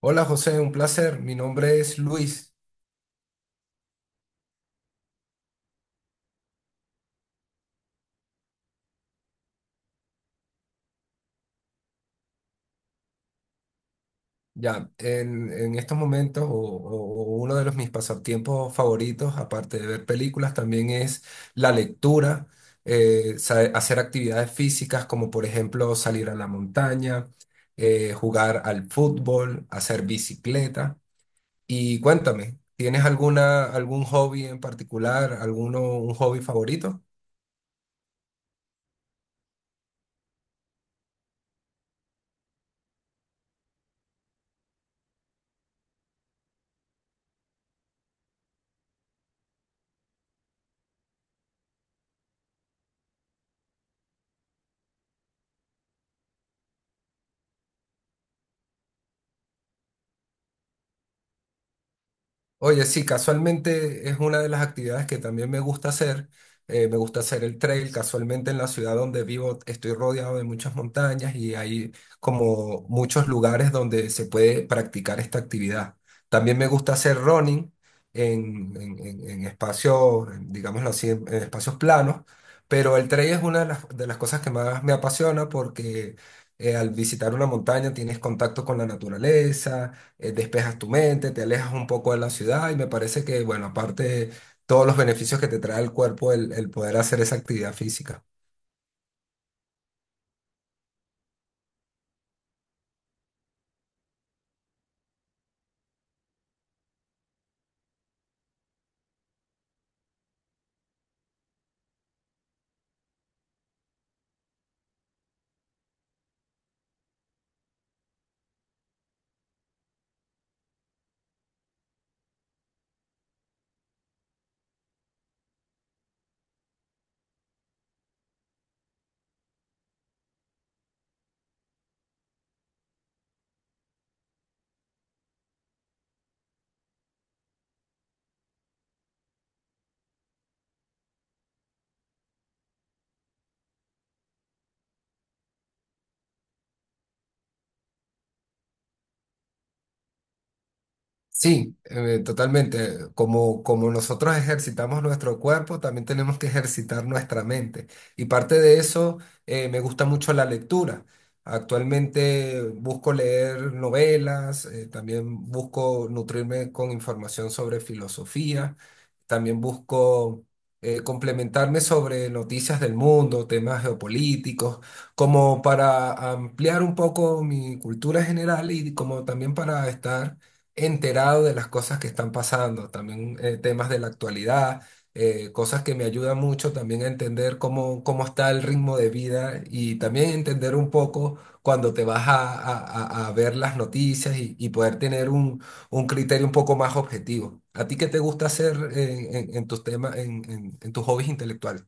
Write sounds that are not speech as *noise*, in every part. Hola José, un placer. Mi nombre es Luis. Ya, en estos momentos, o uno de mis pasatiempos favoritos, aparte de ver películas, también es la lectura, hacer actividades físicas como por ejemplo salir a la montaña, jugar al fútbol, hacer bicicleta. Y cuéntame, ¿tienes algún hobby en particular, un hobby favorito? Oye, sí, casualmente es una de las actividades que también me gusta hacer. Me gusta hacer el trail. Casualmente en la ciudad donde vivo estoy rodeado de muchas montañas y hay como muchos lugares donde se puede practicar esta actividad. También me gusta hacer running en espacios, digámoslo así, en espacios planos, pero el trail es una de de las cosas que más me apasiona porque al visitar una montaña tienes contacto con la naturaleza. Despejas tu mente, te alejas un poco de la ciudad y me parece que, bueno, aparte todos los beneficios que te trae el cuerpo el poder hacer esa actividad física. Sí, totalmente. Como nosotros ejercitamos nuestro cuerpo, también tenemos que ejercitar nuestra mente. Y parte de eso, me gusta mucho la lectura. Actualmente busco leer novelas, también busco nutrirme con información sobre filosofía, también busco complementarme sobre noticias del mundo, temas geopolíticos, como para ampliar un poco mi cultura general y como también para estar enterado de las cosas que están pasando, también temas de la actualidad, cosas que me ayudan mucho también a entender cómo está el ritmo de vida y también entender un poco cuando te vas a ver las noticias y poder tener un criterio un poco más objetivo. ¿A ti qué te gusta hacer en tus temas, en tus hobbies intelectuales?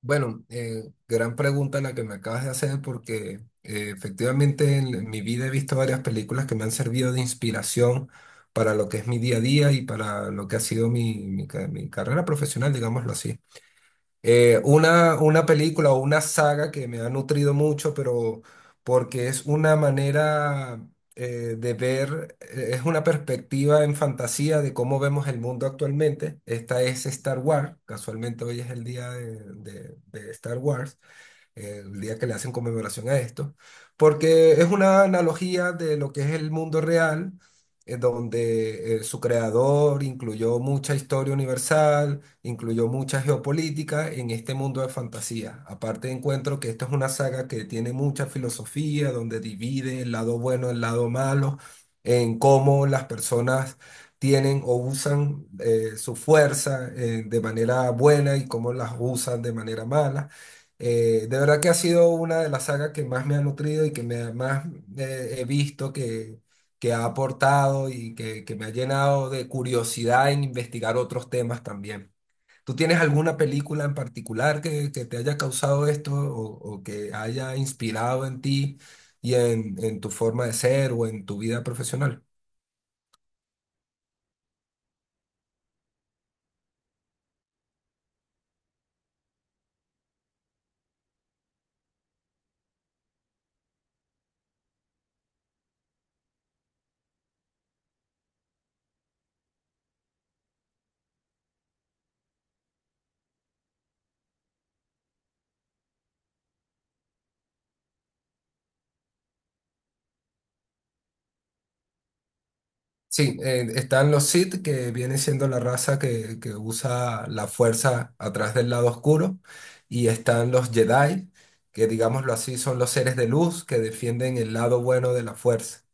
Bueno, gran pregunta la que me acabas de hacer porque efectivamente en mi vida he visto varias películas que me han servido de inspiración para lo que es mi día a día y para lo que ha sido mi mi carrera profesional, digámoslo así. Una película o una saga que me ha nutrido mucho, pero porque es una manera de ver, es una perspectiva en fantasía de cómo vemos el mundo actualmente. Esta es Star Wars, casualmente hoy es el día de Star Wars, el día que le hacen conmemoración a esto, porque es una analogía de lo que es el mundo real, en donde su creador incluyó mucha historia universal, incluyó mucha geopolítica en este mundo de fantasía. Aparte encuentro que esto es una saga que tiene mucha filosofía, donde divide el lado bueno, el lado malo, en cómo las personas tienen o usan su fuerza de manera buena y cómo las usan de manera mala. De verdad que ha sido una de las sagas que más me ha nutrido y que más he visto que ha aportado y que me ha llenado de curiosidad en investigar otros temas también. ¿Tú tienes alguna película en particular que te haya causado esto o que haya inspirado en ti y en tu forma de ser o en tu vida profesional? Sí, están los Sith, que viene siendo la raza que usa la fuerza atrás del lado oscuro, y están los Jedi, que digámoslo así, son los seres de luz que defienden el lado bueno de la fuerza.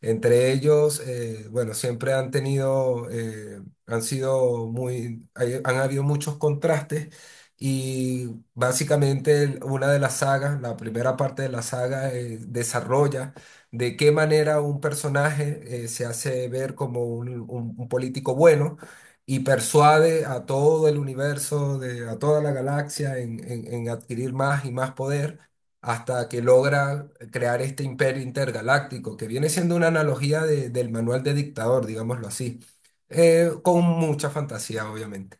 Entre ellos, bueno, siempre han tenido, han sido muy, han habido muchos contrastes y básicamente una de las sagas, la primera parte de la saga, desarrolla de qué manera un personaje se hace ver como un político bueno y persuade a todo el universo, de, a toda la galaxia en adquirir más y más poder hasta que logra crear este imperio intergaláctico, que viene siendo una analogía del manual de dictador, digámoslo así. Con mucha fantasía, obviamente.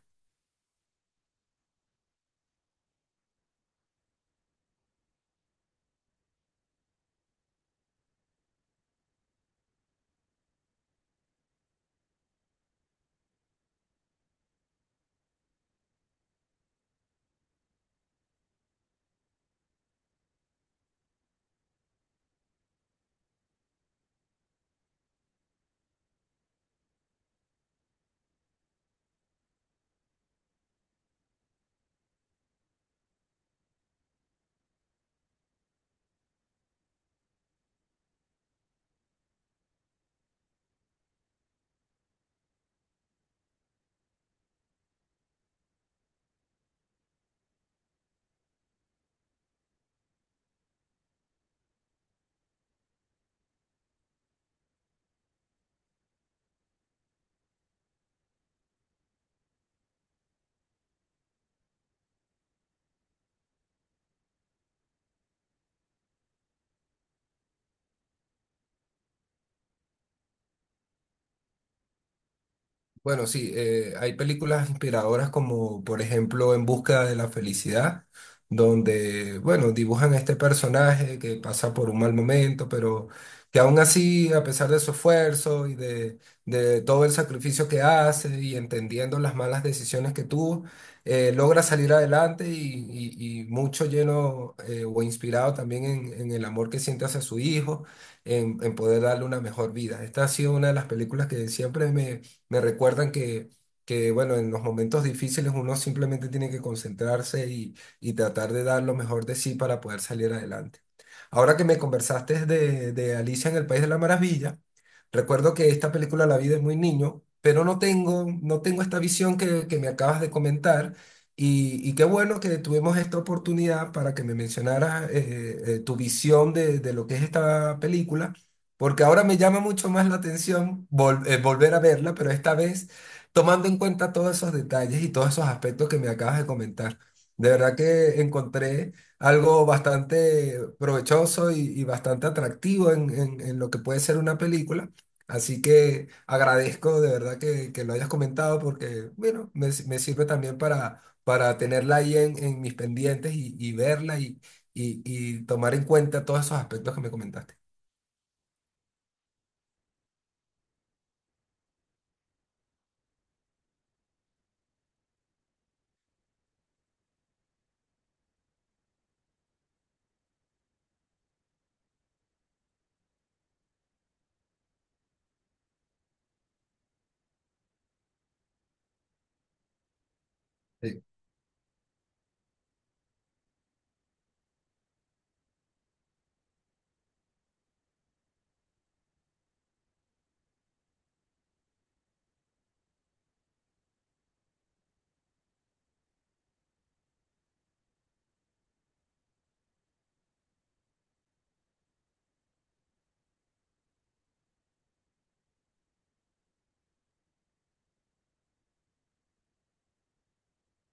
Bueno, sí, hay películas inspiradoras como por ejemplo En Búsqueda de la Felicidad, donde, bueno, dibujan a este personaje que pasa por un mal momento, pero que aún así, a pesar de su esfuerzo de todo el sacrificio que hace y entendiendo las malas decisiones que tuvo, logra salir adelante y mucho lleno o inspirado también en el amor que siente hacia su hijo, en poder darle una mejor vida. Esta ha sido una de las películas que siempre me recuerdan que, bueno, en los momentos difíciles uno simplemente tiene que concentrarse y tratar de dar lo mejor de sí para poder salir adelante. Ahora que me conversaste de Alicia en el País de la Maravilla, recuerdo que esta película la vi de muy niño, pero no tengo esta visión que me acabas de comentar. Y qué bueno que tuvimos esta oportunidad para que me mencionaras tu visión de lo que es esta película porque ahora me llama mucho más la atención volver a verla, pero esta vez tomando en cuenta todos esos detalles y todos esos aspectos que me acabas de comentar. De verdad que encontré algo bastante provechoso y bastante atractivo en lo que puede ser una película. Así que agradezco de verdad que lo hayas comentado porque, bueno, me sirve también para tenerla ahí en mis pendientes y verla y y tomar en cuenta todos esos aspectos que me comentaste.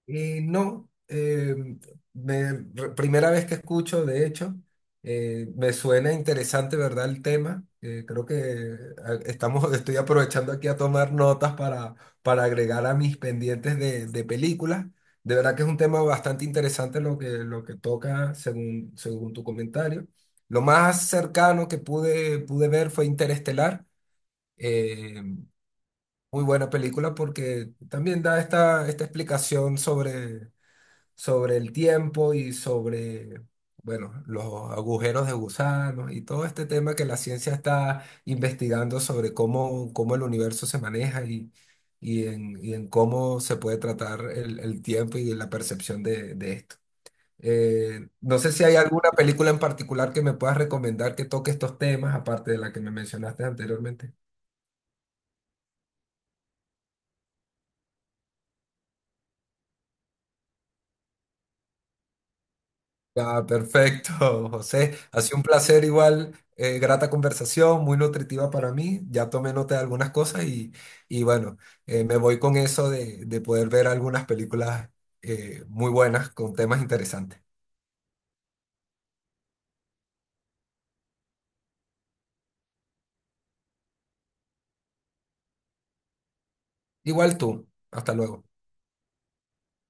Y no, primera vez que escucho, de hecho, me suena interesante, ¿verdad? El tema. Creo que estamos, *laughs* estoy aprovechando aquí a tomar notas para agregar a mis pendientes de películas. De verdad que es un tema bastante interesante lo lo que toca según tu comentario. Lo más cercano que pude ver fue Interestelar. Eh, muy buena película porque también da esta explicación sobre sobre el tiempo y sobre, bueno, los agujeros de gusanos y todo este tema que la ciencia está investigando sobre cómo el universo se maneja y en cómo se puede tratar el tiempo y la percepción de esto. No sé si hay alguna película en particular que me puedas recomendar que toque estos temas, aparte de la que me mencionaste anteriormente. Ya, perfecto, *laughs* José. Ha sido un placer igual, grata conversación, muy nutritiva para mí. Ya tomé nota de algunas cosas y bueno, me voy con eso de poder ver algunas películas muy buenas con temas interesantes. Igual tú. Hasta luego.